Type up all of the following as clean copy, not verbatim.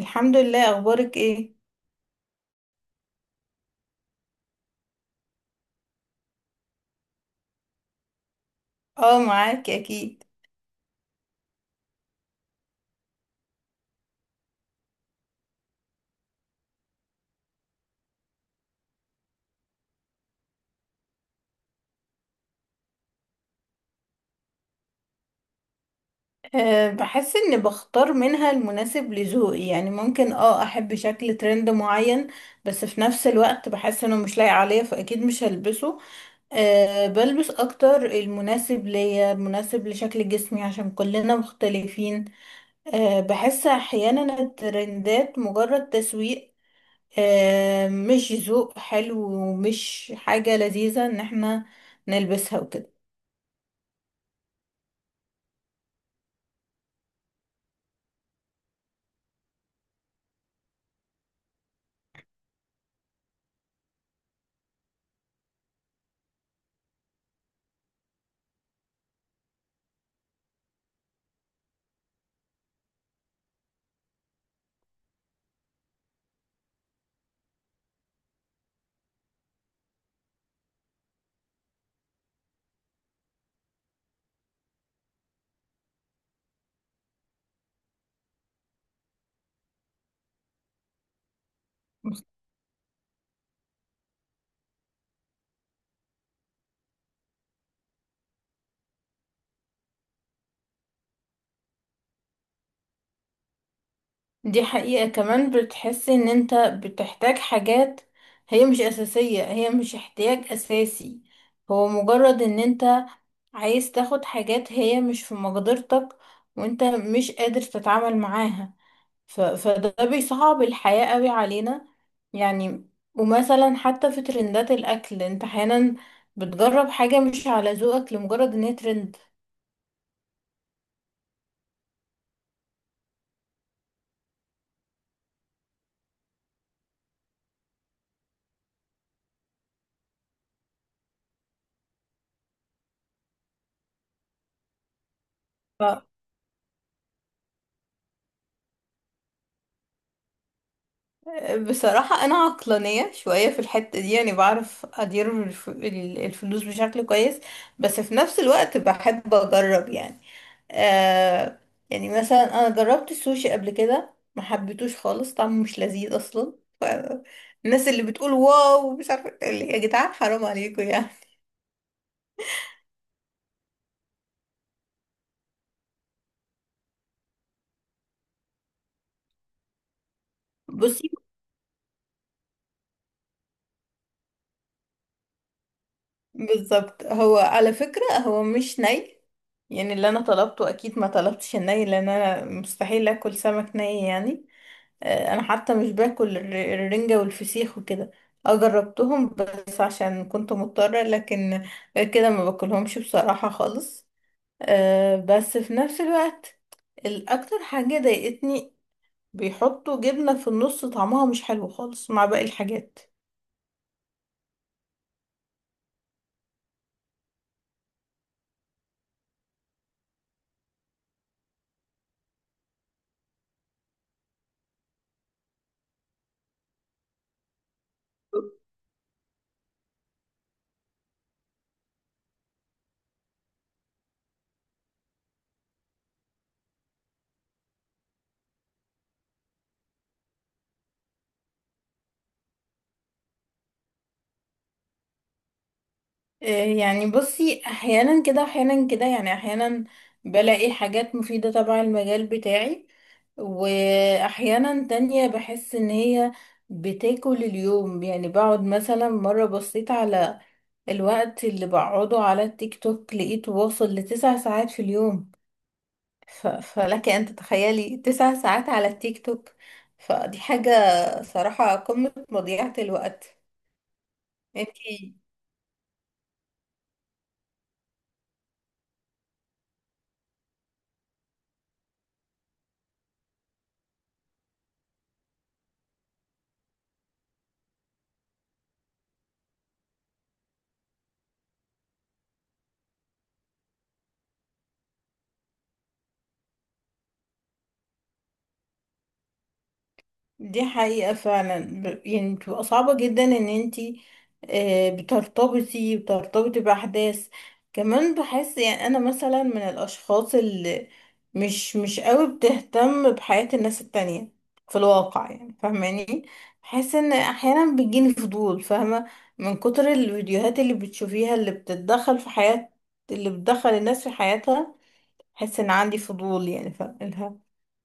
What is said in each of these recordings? الحمد لله، اخبارك ايه؟ اه، معاكي اكيد. أه، بحس اني بختار منها المناسب لذوقي، يعني ممكن احب شكل ترند معين، بس في نفس الوقت بحس انه مش لايق عليا فاكيد مش هلبسه. أه، بلبس اكتر المناسب ليا المناسب لشكل جسمي عشان كلنا مختلفين. أه، بحس احيانا الترندات مجرد تسويق. أه، مش ذوق حلو ومش حاجة لذيذة ان احنا نلبسها وكده. دي حقيقة، كمان بتحسي ان انت بتحتاج حاجات هي مش اساسية، هي مش احتياج اساسي، هو مجرد ان انت عايز تاخد حاجات هي مش في مقدرتك وانت مش قادر تتعامل معاها. فده بيصعب الحياة قوي علينا يعني. ومثلا حتى في ترندات الاكل انت احيانا بتجرب حاجة مش على ذوقك لمجرد ان هي ترند. بصراحة أنا عقلانية شوية في الحتة دي، يعني بعرف أدير الفلوس بشكل كويس، بس في نفس الوقت بحب أجرب يعني. آه. يعني مثلا أنا جربت السوشي قبل كده، ما حبيتوش خالص، طعمه مش لذيذ أصلا. ف- الناس اللي بتقول واو مش عارفة اللي، يا جدعان حرام عليكم يعني. بصي. بالظبط، هو على فكرة هو مش ني، يعني اللي أنا طلبته أكيد ما طلبتش الني، لأن أنا مستحيل أكل سمك ني يعني. آه، انا حتى مش باكل الرنجة والفسيخ وكده. اه، جربتهم بس عشان كنت مضطرة، لكن غير كده ما باكلهمش بصراحة خالص. آه، بس في نفس الوقت الاكتر حاجة ضايقتني بيحطوا جبنة في النص، طعمها مش حلو خالص مع باقي الحاجات. آه، يعني بصي، احيانا كده احيانا كده، يعني احيانا بلاقي حاجات مفيدة تبع المجال بتاعي، واحيانا تانية بحس ان هي بتاكل اليوم، يعني بقعد مثلا مرة بصيت على الوقت اللي بقعده على التيك توك لقيته واصل لتسع ساعات في اليوم. فلك ان تتخيلي تسع ساعات على التيك توك. فدي حاجة صراحة قمة مضيعة الوقت. انتي، دي حقيقة فعلا، يعني بتبقى صعبة جدا ان انتي، بترتبطي بأحداث. كمان بحس يعني انا مثلا من الاشخاص اللي مش قوي بتهتم بحياة الناس التانية في الواقع، يعني فاهماني. بحس ان احيانا بيجيني فضول، فاهمة، من كتر الفيديوهات اللي بتشوفيها اللي بتتدخل في حياة، اللي بتدخل الناس في حياتها. حس ان عندي فضول يعني، فقلها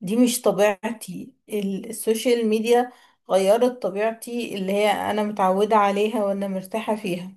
دي مش طبيعتي، السوشيال ميديا غيرت طبيعتي اللي هي انا متعودة عليها وانا مرتاحة فيها.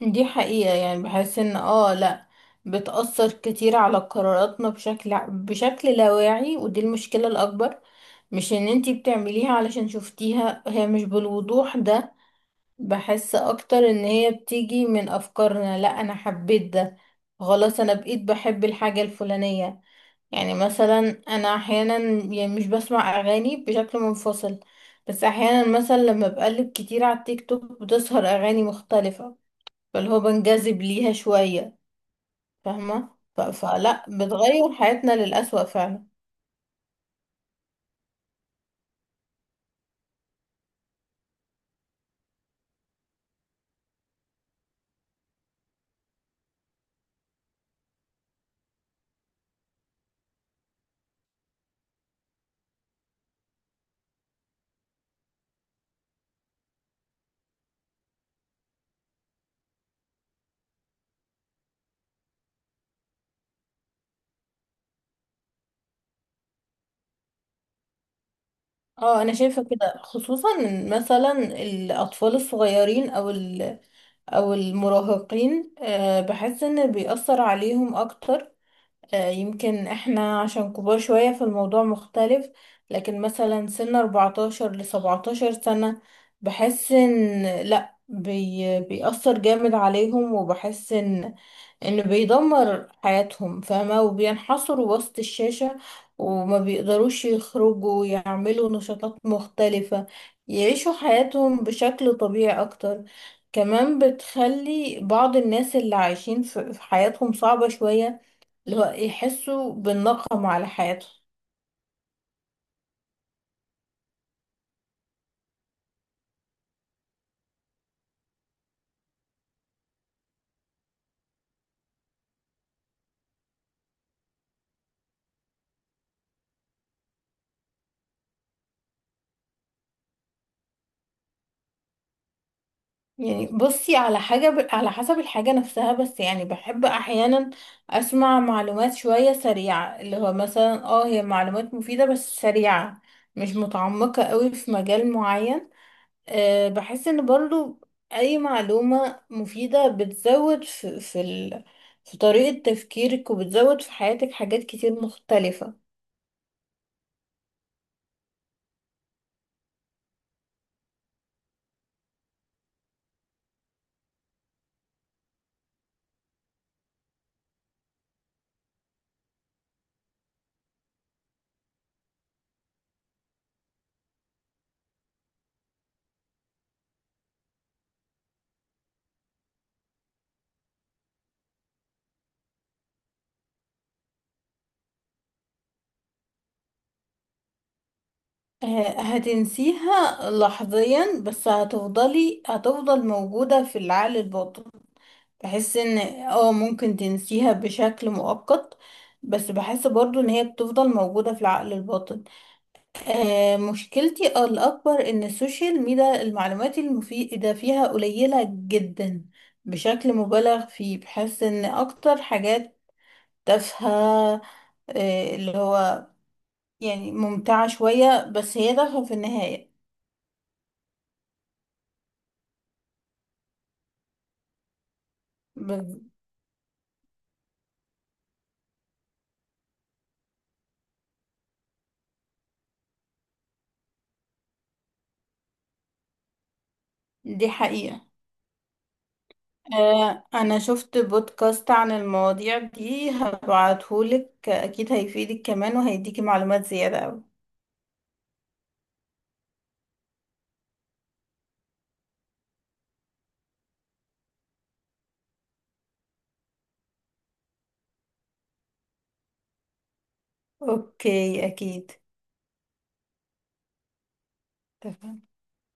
دي حقيقة، يعني بحس ان لا، بتأثر كتير على قراراتنا بشكل لا واعي، ودي المشكلة الأكبر. مش ان انتي بتعمليها علشان شفتيها، هي مش بالوضوح ده. بحس اكتر ان هي بتيجي من افكارنا، لا انا حبيت ده، خلاص انا بقيت بحب الحاجة الفلانية. يعني مثلا انا احيانا، يعني مش بسمع اغاني بشكل منفصل، بس احيانا مثلا لما بقلب كتير على التيك توك بتظهر اغاني مختلفة، فاللي هو بنجذب ليها شوية فاهمة. فلا بتغير حياتنا للأسوأ فعلا. اه، انا شايفة كده خصوصا إن مثلا الاطفال الصغيرين او او المراهقين، آه، بحس ان بيأثر عليهم اكتر. آه، يمكن احنا عشان كبار شوية فالموضوع مختلف، لكن مثلا سن 14 ل 17 سنة بحس ان لا بيأثر جامد عليهم، وبحس انه بيدمر حياتهم فاهمة، وبينحصروا وسط الشاشة وما بيقدروش يخرجوا يعملوا نشاطات مختلفة يعيشوا حياتهم بشكل طبيعي اكتر. كمان بتخلي بعض الناس اللي عايشين في حياتهم صعبة شوية، اللي هو يحسوا بالنقم على حياتهم. يعني بصي على حاجة، على حسب الحاجة نفسها، بس يعني بحب أحيانا أسمع معلومات شوية سريعة، اللي هو مثلا هي معلومات مفيدة بس سريعة، مش متعمقة قوي في مجال معين. أه، بحس إن برضو أي معلومة مفيدة بتزود في طريقة تفكيرك، وبتزود في حياتك حاجات كتير مختلفة. أه، هتنسيها لحظيا بس هتفضل موجودة في العقل الباطن. بحس ان ممكن تنسيها بشكل مؤقت، بس بحس برضو ان هي بتفضل موجودة في العقل الباطن. آه، مشكلتي الأكبر ان السوشيال ميديا المعلومات المفيدة فيها قليلة جدا بشكل مبالغ فيه، بحس ان اكتر حاجات تافهة، آه، اللي هو يعني ممتعة شوية بس هي تافهة في النهاية. ب- دي حقيقة. آه، انا شفت بودكاست عن المواضيع دي هبعتهولك اكيد هيفيدك كمان وهيديكي معلومات زيادة اوي. اوكي اكيد. تمام.